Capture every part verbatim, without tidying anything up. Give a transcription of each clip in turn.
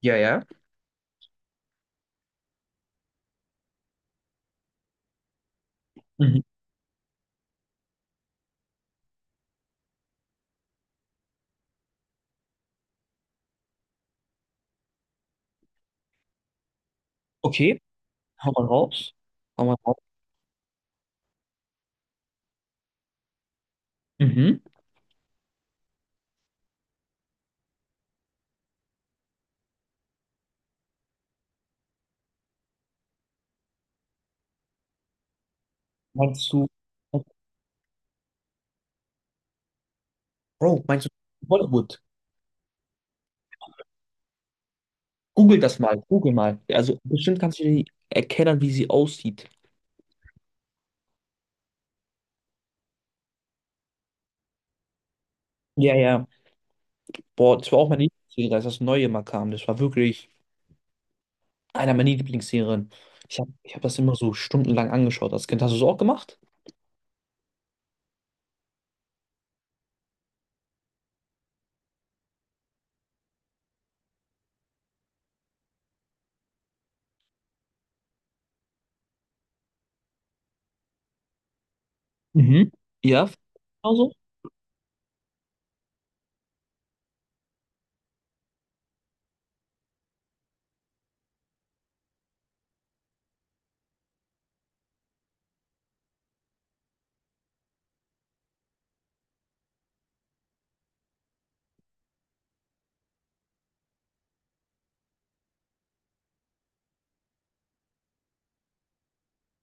Ja, ja. Mhm. Okay, hau mal raus. Hau mal raus. Mhm. Meinst du, Bro, meinst du Bollywood? Google das mal, Google mal. also, Bestimmt kannst du dir erkennen, wie sie aussieht. Ja, ja. Boah, das war auch meine Lieblingsserie, als das Neue mal kam. Das war wirklich einer meiner Lieblingsserien. Ich habe ich hab das immer so stundenlang angeschaut als Kind. Hast du es auch gemacht? Mhm. Ja, also.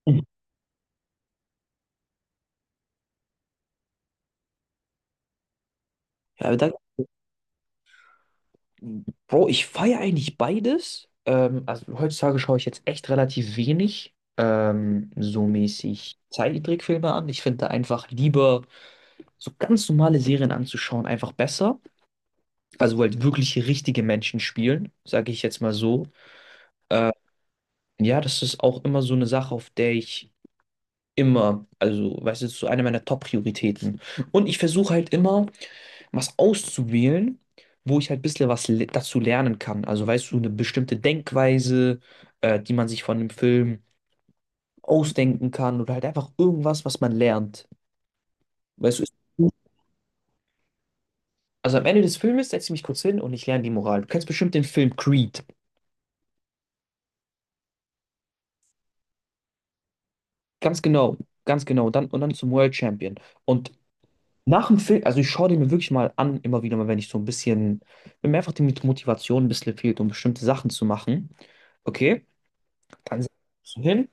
Mhm. Ja, aber danke. Bro, ich feiere eigentlich beides. Ähm, also heutzutage schaue ich jetzt echt relativ wenig ähm, so mäßig Zeichentrickfilme an. Ich finde da einfach lieber so ganz normale Serien anzuschauen, einfach besser. Also wo halt wirklich richtige Menschen spielen, sage ich jetzt mal so. Äh, ja, das ist auch immer so eine Sache, auf der ich immer, also weißt du, das ist so eine meiner Top-Prioritäten. Und ich versuche halt immer was auszuwählen, wo ich halt ein bisschen was le dazu lernen kann. Also weißt du, eine bestimmte Denkweise, äh, die man sich von dem Film ausdenken kann oder halt einfach irgendwas, was man lernt. Weißt du, ist- also am Ende des Filmes setze ich mich kurz hin und ich lerne die Moral. Du kennst bestimmt den Film Creed. Ganz genau, ganz genau. Und dann, und dann zum World Champion. Und nach dem Film, also ich schaue den mir wirklich mal an, immer wieder mal, wenn ich so ein bisschen, wenn mir einfach die Motivation ein bisschen fehlt, um bestimmte Sachen zu machen. Okay. Dann setze ich mich so hin.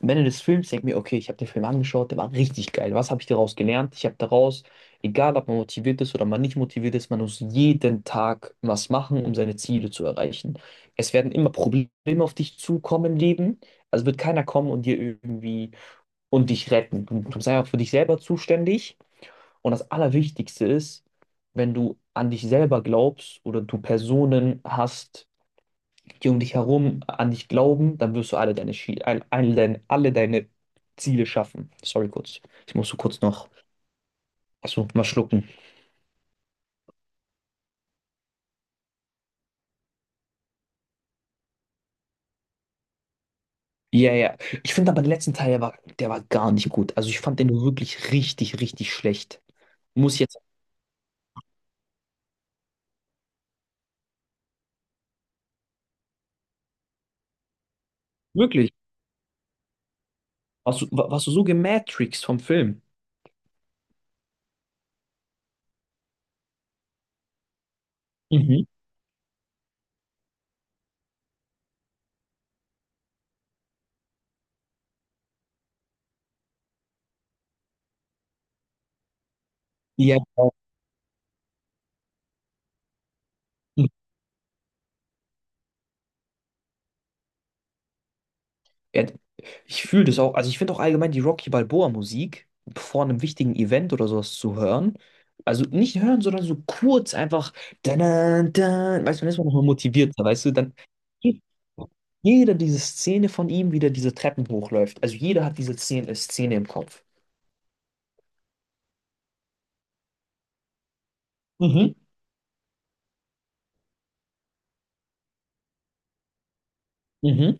Am Ende des Films denke ich mir, okay, ich habe den Film angeschaut, der war richtig geil. Was habe ich daraus gelernt? Ich habe daraus, egal ob man motiviert ist oder man nicht motiviert ist, man muss jeden Tag was machen, um seine Ziele zu erreichen. Es werden immer Probleme auf dich zukommen im Leben. Also wird keiner kommen und dir irgendwie und dich retten. Du, du sei auch für dich selber zuständig. Und das Allerwichtigste ist, wenn du an dich selber glaubst oder du Personen hast, die um dich herum an dich glauben, dann wirst du alle deine, Schi- all- all deine, alle deine Ziele schaffen. Sorry kurz. Ich musste kurz noch, Achso, mal schlucken. Ja, ja. Ich finde aber den letzten Teil, der war, der war gar nicht gut. Also ich fand den wirklich richtig, richtig schlecht. Muss ich jetzt. Wirklich? Warst du, wa- warst du so gematrixed vom Film? Mhm. Ja, genau. Ja, ich fühle das auch. Also ich finde auch allgemein die Rocky Balboa Musik vor einem wichtigen Event oder sowas zu hören. Also nicht hören, sondern so kurz einfach. Dann, dann, dann, weißt du, dann ist man nochmal motivierter, weißt du? Dann geht jeder diese Szene von ihm, wie der diese Treppen hochläuft. Also jeder hat diese Szene, Szene im Kopf. Mhm. Mhm.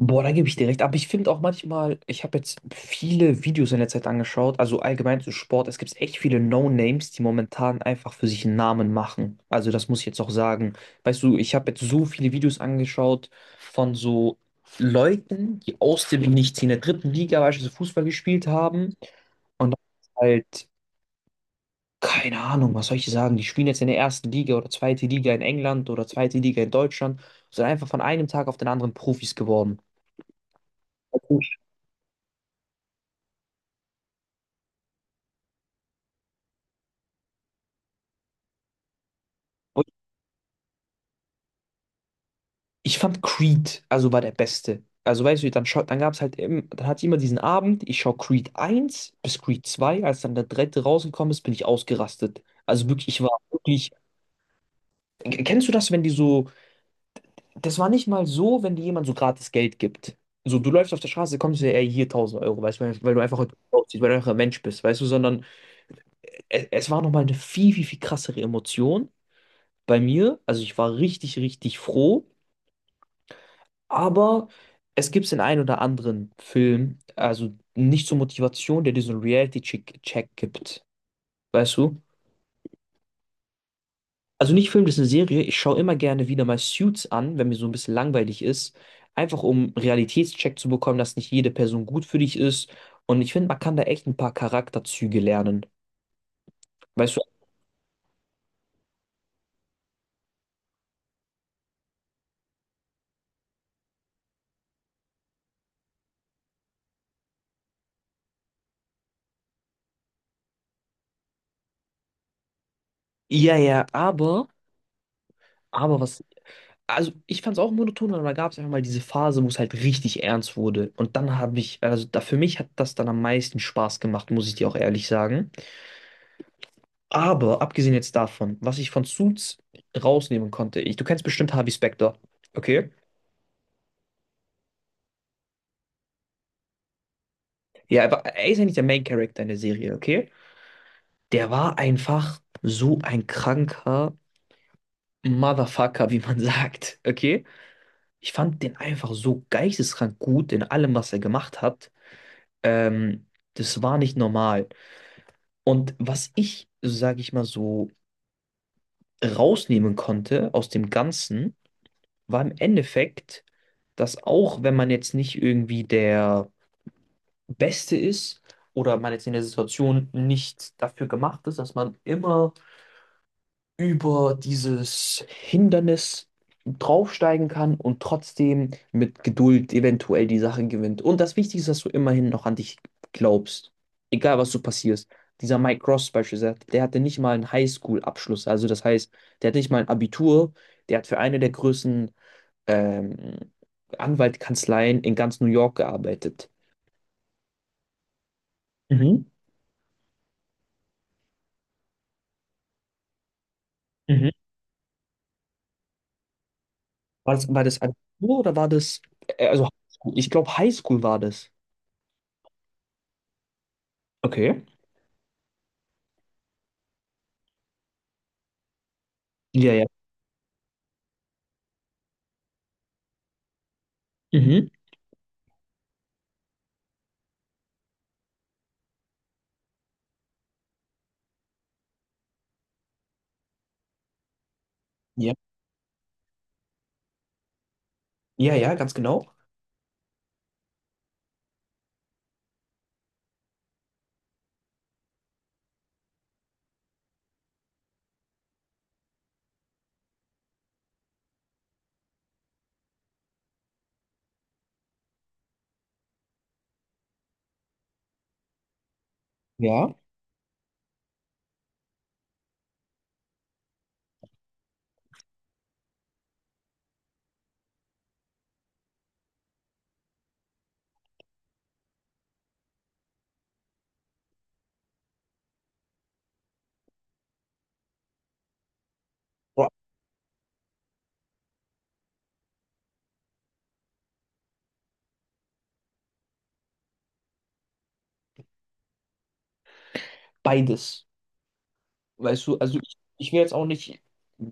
Boah, da gebe ich dir recht. Aber ich finde auch manchmal, ich habe jetzt viele Videos in der Zeit angeschaut, also allgemein zu Sport. Es gibt echt viele No-Names, die momentan einfach für sich einen Namen machen. Also das muss ich jetzt auch sagen. Weißt du, ich habe jetzt so viele Videos angeschaut von so Leuten, die aus dem Nichts in der dritten Liga beispielsweise Fußball gespielt haben und dann halt, keine Ahnung, was soll ich sagen, die spielen jetzt in der ersten Liga oder zweite Liga in England oder zweite Liga in Deutschland, sind einfach von einem Tag auf den anderen Profis geworden. Ich fand Creed, also war der Beste. Also weißt du, dann, schau- dann gab es halt eben, dann hatte ich immer diesen Abend, ich schaue Creed eins bis Creed zwei, als dann der dritte rausgekommen ist, bin ich ausgerastet. Also wirklich, ich war wirklich, K- kennst du das, wenn die so, das war nicht mal so, wenn dir jemand so gratis Geld gibt. So, du läufst auf der Straße, kommst du ey, hier tausend Euro, weißt du, weil, weil du einfach heute gut aussiehst, weil du einfach ein Mensch bist, weißt du, sondern es, es war nochmal eine viel, viel, viel krassere Emotion bei mir. Also ich war richtig, richtig froh. Aber es gibt den einen oder anderen Film, also nicht zur Motivation, der dir so einen Reality-Check gibt. Weißt du? Also nicht Film, das ist eine Serie. Ich schaue immer gerne wieder mal Suits an, wenn mir so ein bisschen langweilig ist. Einfach um Realitätscheck zu bekommen, dass nicht jede Person gut für dich ist. Und ich finde, man kann da echt ein paar Charakterzüge lernen. Weißt du? Ja, ja, aber, aber was Also ich fand es auch monoton, aber da gab es einfach mal diese Phase, wo es halt richtig ernst wurde. Und dann habe ich, also da, für mich hat das dann am meisten Spaß gemacht, muss ich dir auch ehrlich sagen. Aber abgesehen jetzt davon, was ich von Suits rausnehmen konnte, ich, du kennst bestimmt Harvey Specter, okay? Ja, aber er ist ja nicht der Main Character in der Serie, okay? Der war einfach so ein kranker Motherfucker, wie man sagt, okay? Ich fand den einfach so geisteskrank gut in allem, was er gemacht hat. Ähm, Das war nicht normal. Und was ich, sage ich mal so, rausnehmen konnte aus dem Ganzen, war im Endeffekt, dass auch wenn man jetzt nicht irgendwie der Beste ist oder man jetzt in der Situation nicht dafür gemacht ist, dass man immer über dieses Hindernis draufsteigen kann und trotzdem mit Geduld eventuell die Sache gewinnt. Und das Wichtigste ist, dass du immerhin noch an dich glaubst. Egal, was du passierst. Dieser Mike Ross beispielsweise, der hatte nicht mal einen Highschool-Abschluss. Also das heißt, der hatte nicht mal ein Abitur. Der hat für eine der größten ähm, Anwaltkanzleien in ganz New York gearbeitet. Mhm. Mhm. War das, war das Abitur oder war das, äh, also Highschool? Ich glaube, Highschool war das. Okay. Ja, ja. Mhm. Ja, ja, ja, ganz genau. Ja. Boah, beides. Weißt du, also ich, ich will jetzt auch nicht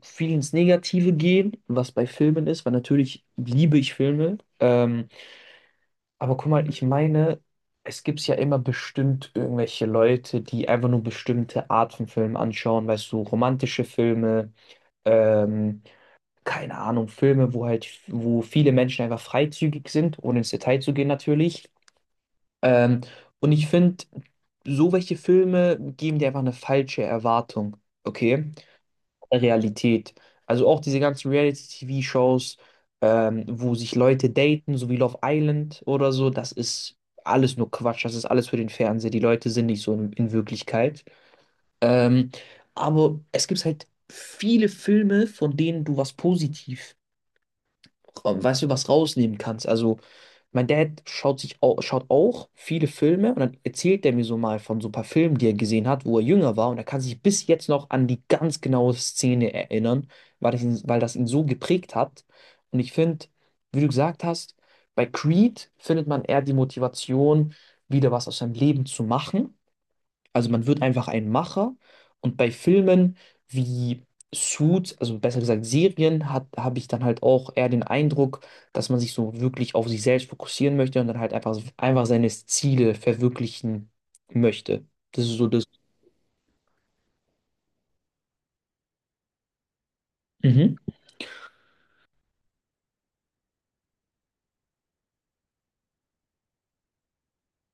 viel ins Negative gehen, was bei Filmen ist, weil natürlich liebe ich Filme. Ähm, aber guck mal, ich meine, es gibt ja immer bestimmt irgendwelche Leute, die einfach nur bestimmte Art von Filmen anschauen, weißt du, romantische Filme, ähm, keine Ahnung, Filme, wo halt, wo viele Menschen einfach freizügig sind, ohne ins Detail zu gehen natürlich. Ähm, und ich finde, so welche Filme geben dir einfach eine falsche Erwartung, okay, der Realität. Also auch diese ganzen Reality-T V-Shows, ähm, wo sich Leute daten, so wie Love Island oder so, das ist alles nur Quatsch, das ist alles für den Fernseher. Die Leute sind nicht so in, in Wirklichkeit. Ähm, aber es gibt halt viele Filme, von denen du was positiv ra- weißt du, was rausnehmen kannst. Also, mein Dad schaut sich auch, schaut auch viele Filme und dann erzählt er mir so mal von so ein paar Filmen, die er gesehen hat, wo er jünger war und er kann sich bis jetzt noch an die ganz genaue Szene erinnern, weil das ihn, weil das ihn so geprägt hat. Und ich finde, wie du gesagt hast, bei Creed findet man eher die Motivation, wieder was aus seinem Leben zu machen. Also man wird einfach ein Macher und bei Filmen wie Suits, also besser gesagt Serien, hat, habe ich dann halt auch eher den Eindruck, dass man sich so wirklich auf sich selbst fokussieren möchte und dann halt einfach, einfach seine Ziele verwirklichen möchte. Das ist so das. Mhm.